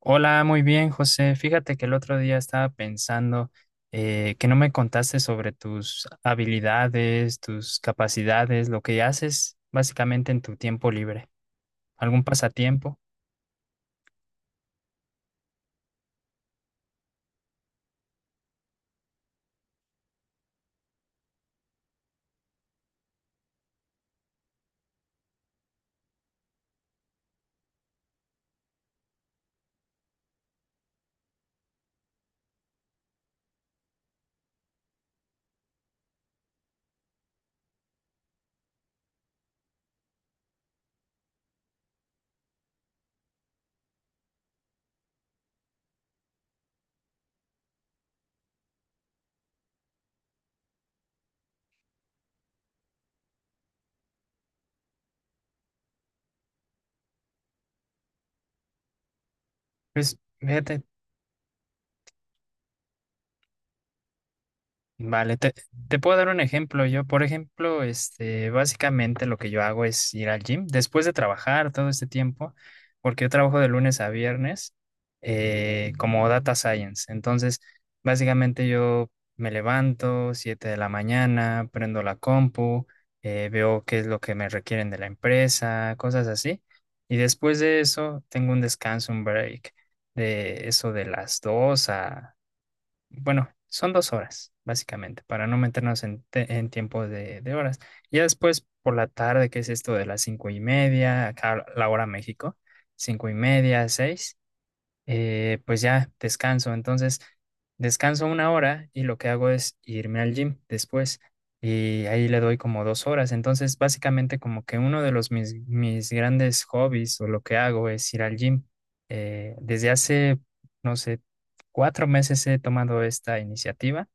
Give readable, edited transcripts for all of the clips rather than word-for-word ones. Hola, muy bien, José. Fíjate que el otro día estaba pensando, que no me contaste sobre tus habilidades, tus capacidades, lo que haces básicamente en tu tiempo libre, algún pasatiempo. Pues fíjate. Vale, te, te puedo dar un ejemplo. Yo, por ejemplo, básicamente lo que yo hago es ir al gym después de trabajar todo este tiempo, porque yo trabajo de lunes a viernes como data science. Entonces, básicamente yo me levanto 7 de la mañana, prendo la compu, veo qué es lo que me requieren de la empresa, cosas así. Y después de eso, tengo un descanso, un break de eso de las 2, bueno, son dos horas, básicamente, para no meternos en tiempo de horas. Ya después, por la tarde, que es esto de las cinco y media, acá la hora México, cinco y media, seis, pues ya descanso. Entonces, descanso una hora y lo que hago es irme al gym después y ahí le doy como dos horas. Entonces, básicamente como que uno de mis grandes hobbies o lo que hago es ir al gym. Desde hace, no sé, cuatro meses he tomado esta iniciativa.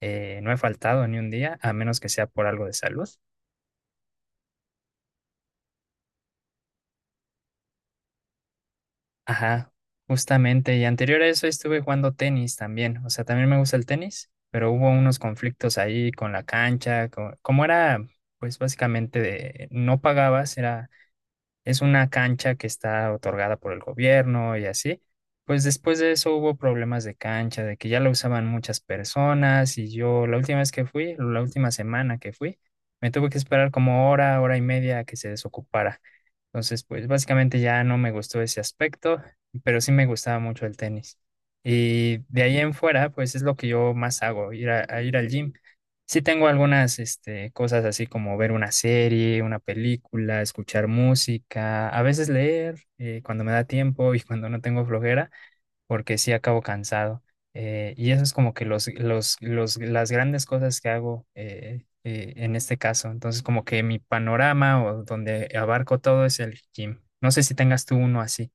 No he faltado ni un día, a menos que sea por algo de salud. Ajá, justamente. Y anterior a eso estuve jugando tenis también. O sea, también me gusta el tenis, pero hubo unos conflictos ahí con la cancha. Como era, pues básicamente de no pagabas, era es una cancha que está otorgada por el gobierno y así. Pues después de eso hubo problemas de cancha, de que ya la usaban muchas personas y yo la última vez que fui, la última semana que fui, me tuve que esperar como hora, hora y media a que se desocupara. Entonces, pues básicamente ya no me gustó ese aspecto, pero sí me gustaba mucho el tenis. Y de ahí en fuera, pues es lo que yo más hago, ir a ir al gym. Sí tengo algunas cosas así como ver una serie, una película, escuchar música, a veces leer, cuando me da tiempo y cuando no tengo flojera, porque sí acabo cansado. Y eso es como que las grandes cosas que hago en este caso. Entonces como que mi panorama o donde abarco todo es el gym. No sé si tengas tú uno así.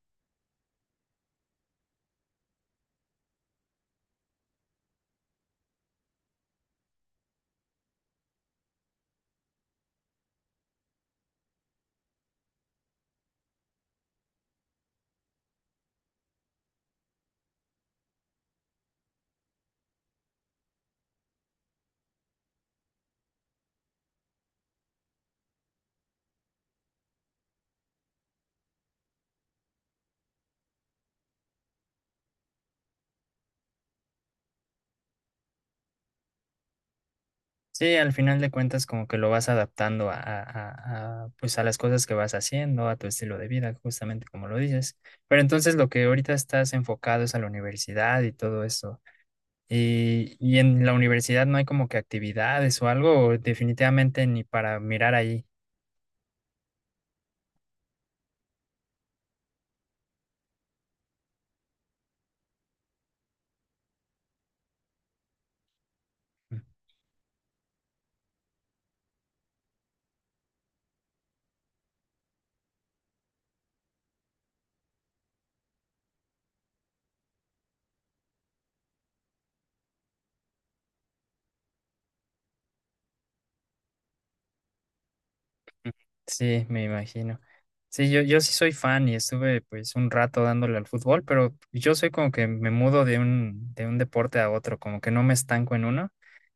Sí, al final de cuentas como que lo vas adaptando a, pues a las cosas que vas haciendo, a tu estilo de vida, justamente como lo dices. Pero entonces lo que ahorita estás enfocado es a la universidad y todo eso. Y en la universidad no hay como que actividades o algo, o definitivamente ni para mirar ahí. Sí, me imagino. Sí, yo sí soy fan y estuve pues un rato dándole al fútbol, pero yo soy como que me mudo de un deporte a otro, como que no me estanco en uno,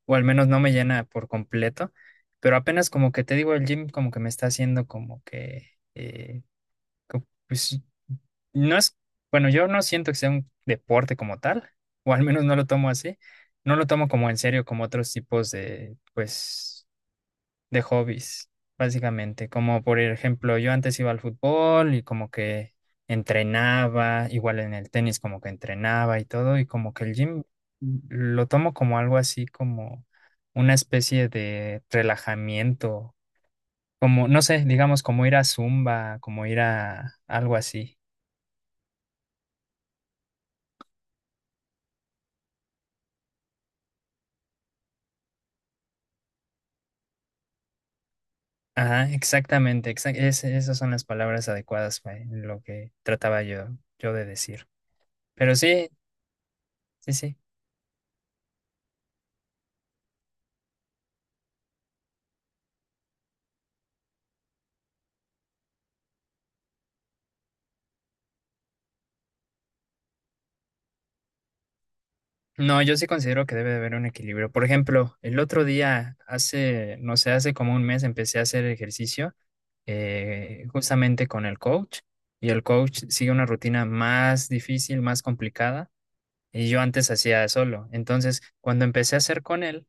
o al menos no me llena por completo, pero apenas como que te digo, el gym como que me está haciendo como que, eh, pues no es, bueno, yo no siento que sea un deporte como tal, o al menos no lo tomo así, no lo tomo como en serio como otros tipos de, pues de hobbies, básicamente. Como por ejemplo, yo antes iba al fútbol y como que entrenaba, igual en el tenis como que entrenaba y todo, y como que el gym lo tomo como algo así, como una especie de relajamiento, como, no sé, digamos, como ir a Zumba, como ir a algo así. Ajá, exactamente, esas son las palabras adecuadas para lo que trataba yo de decir. Pero sí, sí, sí. No, yo sí considero que debe de haber un equilibrio. Por ejemplo, el otro día, hace, no sé, hace como un mes empecé a hacer ejercicio, justamente con el coach, y el coach sigue una rutina más difícil, más complicada. Y yo antes hacía solo. Entonces, cuando empecé a hacer con él,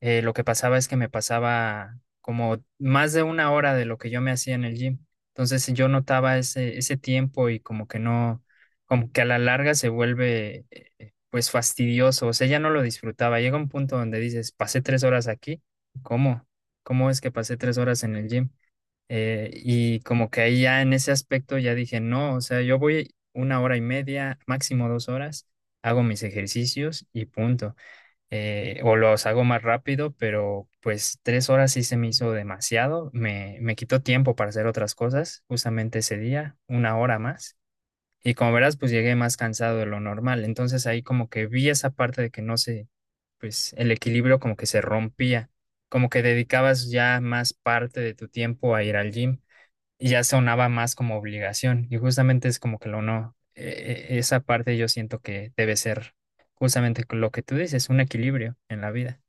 lo que pasaba es que me pasaba como más de una hora de lo que yo me hacía en el gym. Entonces, yo notaba ese tiempo y como que no, como que a la larga se vuelve, pues fastidioso. O sea, ya no lo disfrutaba. Llega un punto donde dices, pasé tres horas aquí. ¿Cómo? ¿Cómo es que pasé tres horas en el gym? Y como que ahí ya en ese aspecto ya dije, no, o sea, yo voy una hora y media, máximo dos horas, hago mis ejercicios y punto. O los hago más rápido, pero pues tres horas sí se me hizo demasiado, me quitó tiempo para hacer otras cosas, justamente ese día, una hora más. Y como verás, pues llegué más cansado de lo normal. Entonces ahí como que vi esa parte de que no sé, pues el equilibrio como que se rompía, como que dedicabas ya más parte de tu tiempo a ir al gym y ya sonaba más como obligación y justamente es como que lo no, esa parte yo siento que debe ser justamente con lo que tú dices, un equilibrio en la vida.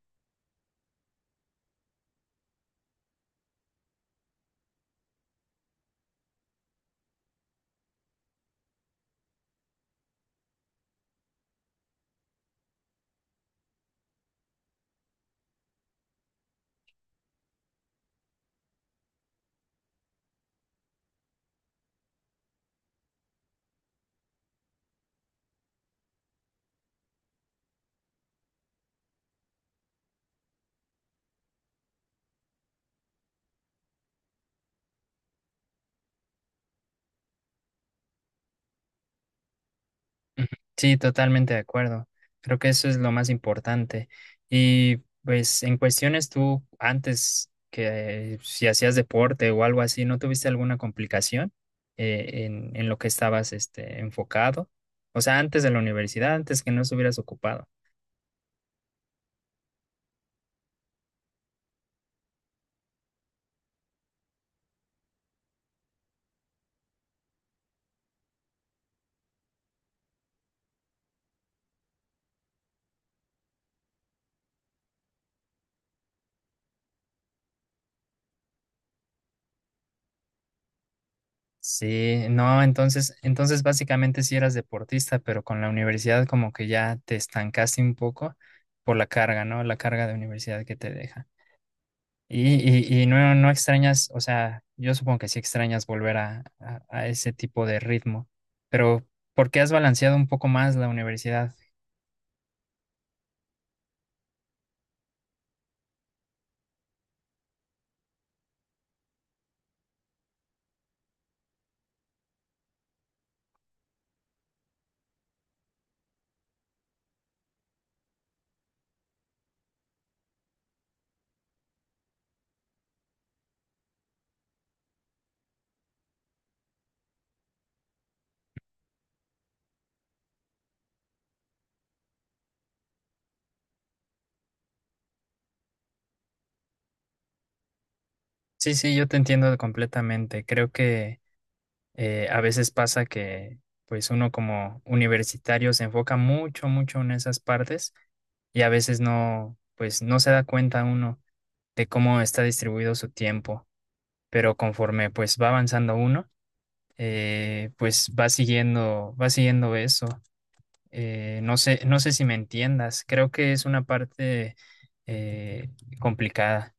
Ujú. Sí, totalmente de acuerdo. Creo que eso es lo más importante. Y pues en cuestiones tú antes que si hacías deporte o algo así, ¿no tuviste alguna complicación en lo que estabas enfocado? O sea, antes de la universidad, antes que no estuvieras ocupado. Sí, no, entonces, entonces básicamente sí eras deportista, pero con la universidad como que ya te estancaste un poco por la carga, ¿no? La carga de universidad que te deja. Y no, no extrañas, o sea, yo supongo que sí extrañas volver a ese tipo de ritmo, pero ¿por qué has balanceado un poco más la universidad? Sí, sí, yo te entiendo completamente. Creo que a veces pasa que pues uno como universitario se enfoca mucho en esas partes y a veces no, pues no se da cuenta uno de cómo está distribuido su tiempo, pero conforme pues va avanzando uno, pues va siguiendo eso. No sé, no sé si me entiendas, creo que es una parte eh, complicada.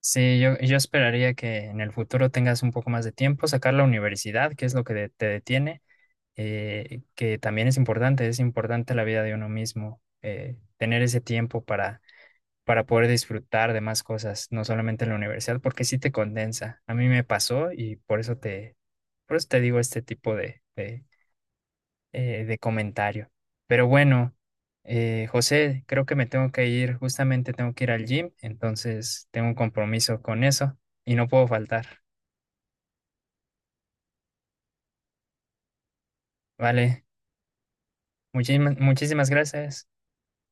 Sí, yo esperaría que en el futuro tengas un poco más de tiempo, sacar la universidad, que es lo que te detiene, que también es importante la vida de uno mismo, tener ese tiempo para poder disfrutar de más cosas, no solamente en la universidad, porque sí te condensa. A mí me pasó y por eso por eso te digo este tipo de comentario. Pero bueno, José, creo que me tengo que ir, justamente tengo que ir al gym, entonces tengo un compromiso con eso y no puedo faltar. Vale, muchísimas, muchísimas gracias.